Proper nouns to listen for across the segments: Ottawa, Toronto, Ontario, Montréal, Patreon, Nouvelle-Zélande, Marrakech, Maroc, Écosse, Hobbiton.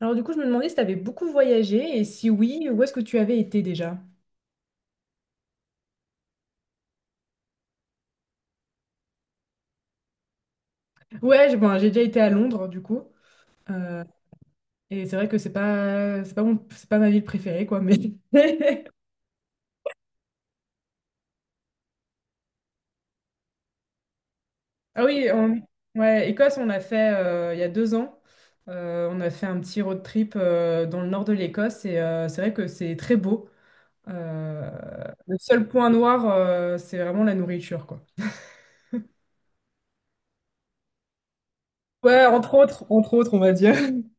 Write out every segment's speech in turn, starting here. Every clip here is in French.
Alors du coup, je me demandais si tu avais beaucoup voyagé et si oui, où est-ce que tu avais été déjà? Ouais, j'ai bon, j'ai déjà été à Londres du coup. Euh, et c'est vrai que c'est pas mon- c'est pas ma ville préférée quoi, mais Ah oui, ouais, Écosse, on a fait il y a deux ans. On a fait un petit road trip dans le nord de l'Écosse et c'est vrai que c'est très beau. Euh, le seul point noir, c'est vraiment la nourriture quoi. Ouais, entre autres, on va dire.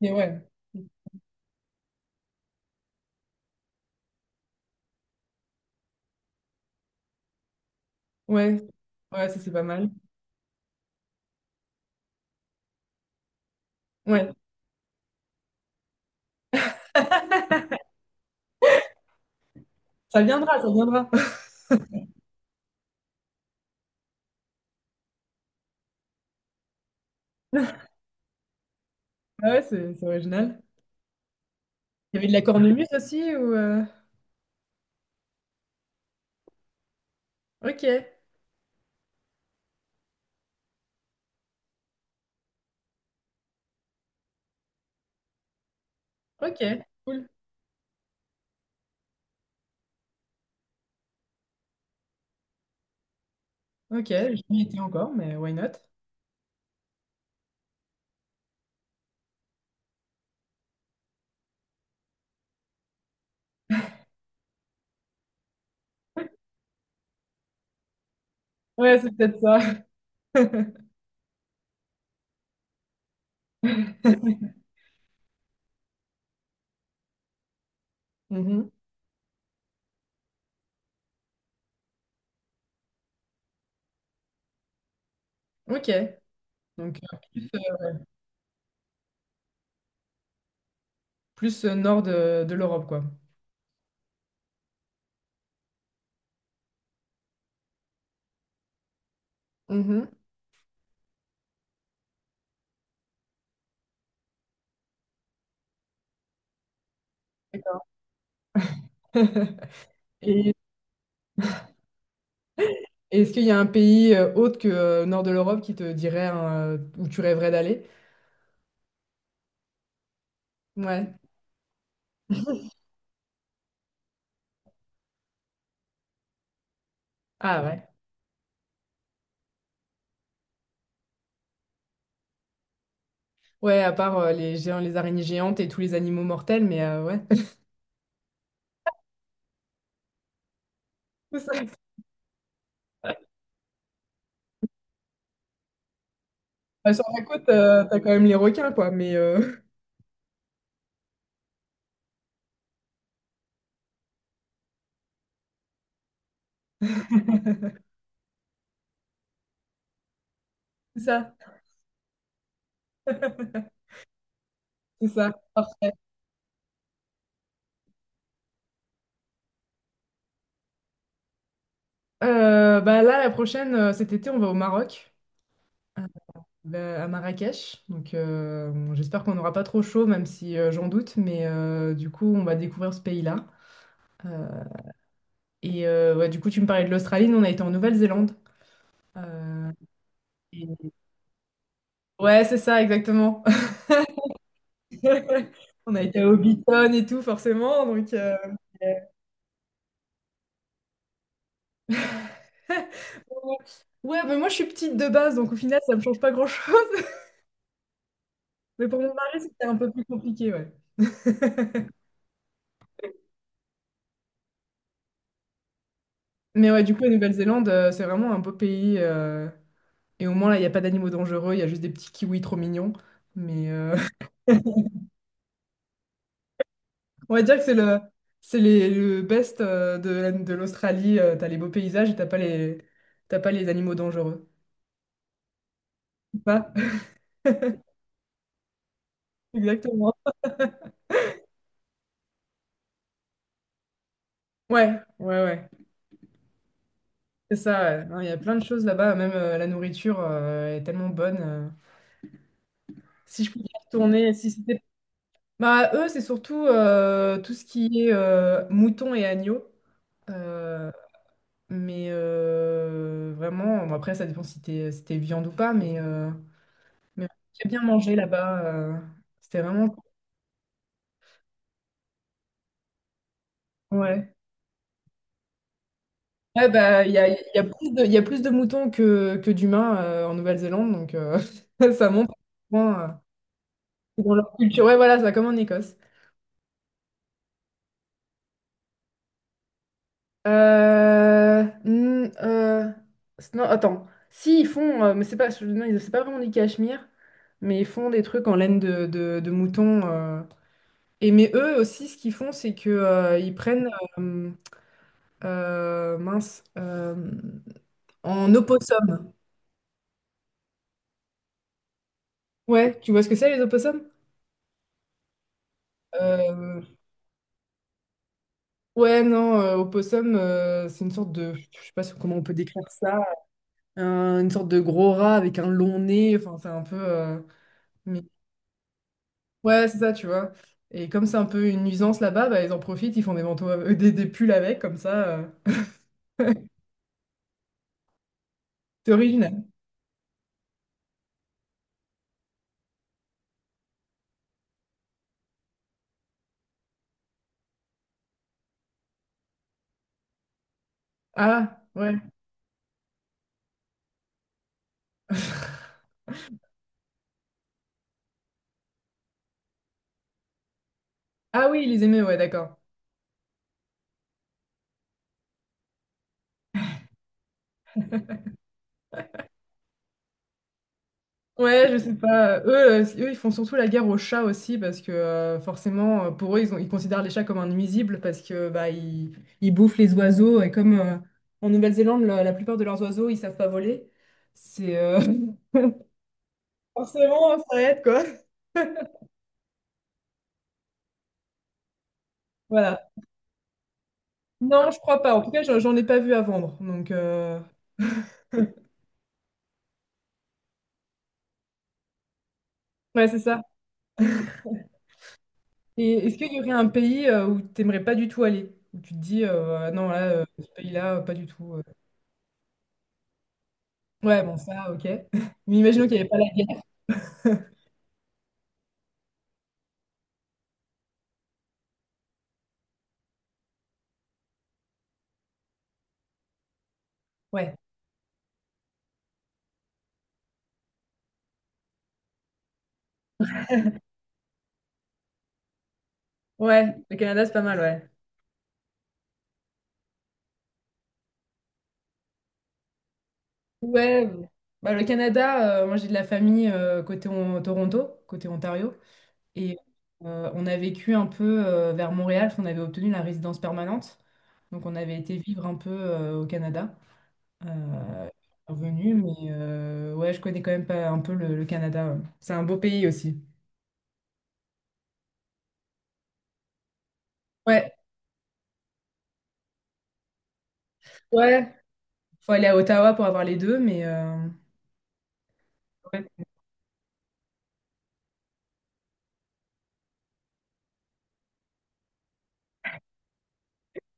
Mais ouais, ouais, ouais, ça c'est pas mal. Ouais. Ça viendra, ça viendra. Ah ouais, c'est original. Il y avait de la cornemuse aussi ou OK, OK, cool. OK, j'ai jamais été encore, mais why not? Ouais, c'est peut-être ça. Mhm. OK. Donc euh, nord de l'Europe, quoi. Mhm. D'accord. Et et est-ce qu'il y a un pays autre que nord de l'Europe qui te dirait hein, où tu rêverais d'aller? Ouais. Ah ouais. Ouais, à part les géants, les araignées géantes et tous les animaux mortels, mais ouais. C'est ça. Bah, sur la côte, t'as quand même les requins, quoi, mais c'est ça, c'est ça, parfait. Bah là, la prochaine, cet été, on va au Maroc, euh, bah, à Marrakech. Donc, bon, j'espère qu'on n'aura pas trop chaud, même si j'en doute, mais du coup, on va découvrir ce pays-là. Euh, et ouais, du coup, tu me parlais de l'Australie, nous, on a été en Nouvelle-Zélande. Euh, et- Ouais, c'est ça, exactement. On a été à Hobbiton et tout, forcément, donc. Ouais, ouais, mais moi je suis petite de base, donc au final ça me change pas grand-chose. Mais pour mon mari, c'était un peu plus compliqué, ouais. Mais ouais, du coup, la Nouvelle-Zélande, c'est vraiment un beau pays. Et au moins, là, il n'y a pas d'animaux dangereux, il y a juste des petits kiwis trop mignons. Mais on va dire que c'est le best de, de l'Australie. T'as les beaux paysages et t'as pas les animaux dangereux. Pas exactement. Ouais, ouais, ouais. C'est ça. Ouais. Non, il y a plein de choses là-bas. Même la nourriture est tellement bonne. Si je pouvais retourner, si c'était... Bah, eux, c'est surtout tout ce qui est moutons et agneaux. Euh, mais vraiment, bon, après, ça dépend si t'es viande ou pas, mais j'ai bien mangé là-bas. C'était vraiment... Ouais. Ouais, bah, il y a il y a plus de moutons que d'humains en Nouvelle-Zélande, donc ça montre vraiment, c'est dans leur culture. Ouais, voilà, ça, comme en Écosse. Euh, n- euh, non, attends. Si, ils font, mais c'est pas, non, c'est pas vraiment du cachemire, mais ils font des trucs en laine de mouton. Et mais eux aussi, ce qu'ils font, c'est que ils prennent, euh, euh, mince, euh, en opossum. Ouais, tu vois ce que c'est les opossums? Euh, ouais, non, opossum, c'est une sorte de, je sais pas si, comment on peut décrire ça, une sorte de gros rat avec un long nez. Enfin, c'est un peu. Mais ouais, c'est ça, tu vois. Et comme c'est un peu une nuisance là-bas, bah, ils en profitent, ils font des manteaux, des pulls avec, comme ça. C'est original. Ah, ouais. Ah oui, les aimaient, ouais, d'accord. Ouais, je sais pas. Eux, ils font surtout la guerre aux chats aussi parce que forcément, pour eux, ils considèrent les chats comme un nuisible parce que bah ils, ils bouffent les oiseaux et comme en Nouvelle-Zélande, la plupart de leurs oiseaux, ils savent pas voler. C'est forcément ça aide quoi. Voilà. Non, je crois pas. En tout cas, j'en ai pas vu à vendre. Donc. Ouais, c'est ça. Et est-ce qu'il y aurait un pays où tu n'aimerais pas du tout aller? Où tu te dis, ah non, là, ce pays-là, pas du tout. Ouais, bon, ça, ok. Mais imaginons qu'il n'y avait pas la guerre. Ouais. Ouais, le Canada, c'est pas mal, ouais. Ouais. Bah, le Canada, moi, j'ai de la famille Toronto, côté Ontario. Et on a vécu un peu vers Montréal, parce qu'on avait obtenu la résidence permanente. Donc, on avait été vivre un peu au Canada. euh, Revenu, mais ouais, je connais quand même pas un peu le Canada. Ouais. C'est un beau pays aussi. Ouais, ouais, faut aller à Ottawa pour avoir les deux, mais ouais.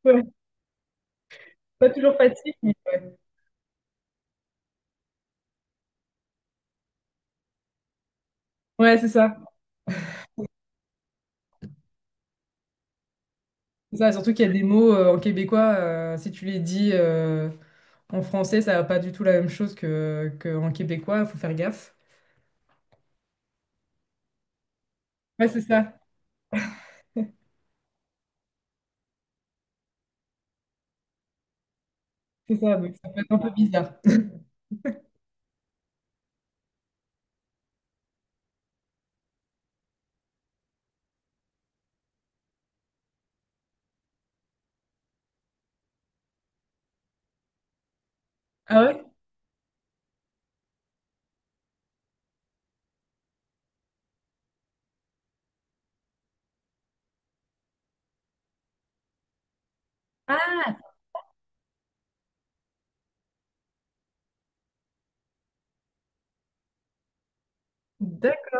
Ouais, pas toujours facile, mais ouais. Ouais, c'est ça. C'est ça, surtout qu'il y a des mots en québécois, si tu les dis en français, ça va pas du tout la même chose que en québécois, faut faire gaffe. Ouais, c'est ça. C'est ça, donc ça peut être un peu bizarre. Ah ouais? Ah d'accord,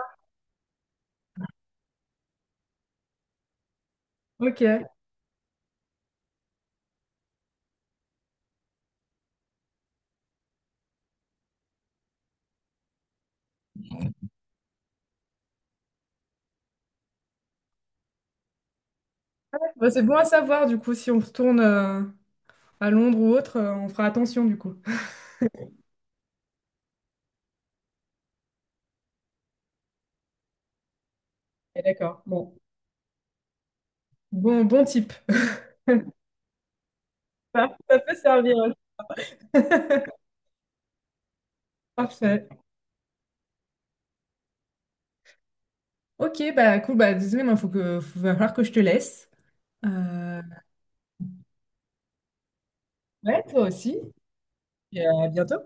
ok. Bah, c'est bon à savoir du coup si on retourne à Londres ou autre, on fera attention du coup. Et d'accord, bon. Bon, bon type. Ça peut servir. Parfait. Ok, bah cool, bah désolé, il faut que, va falloir que je te laisse. Euh, ouais, toi aussi. Et à bientôt.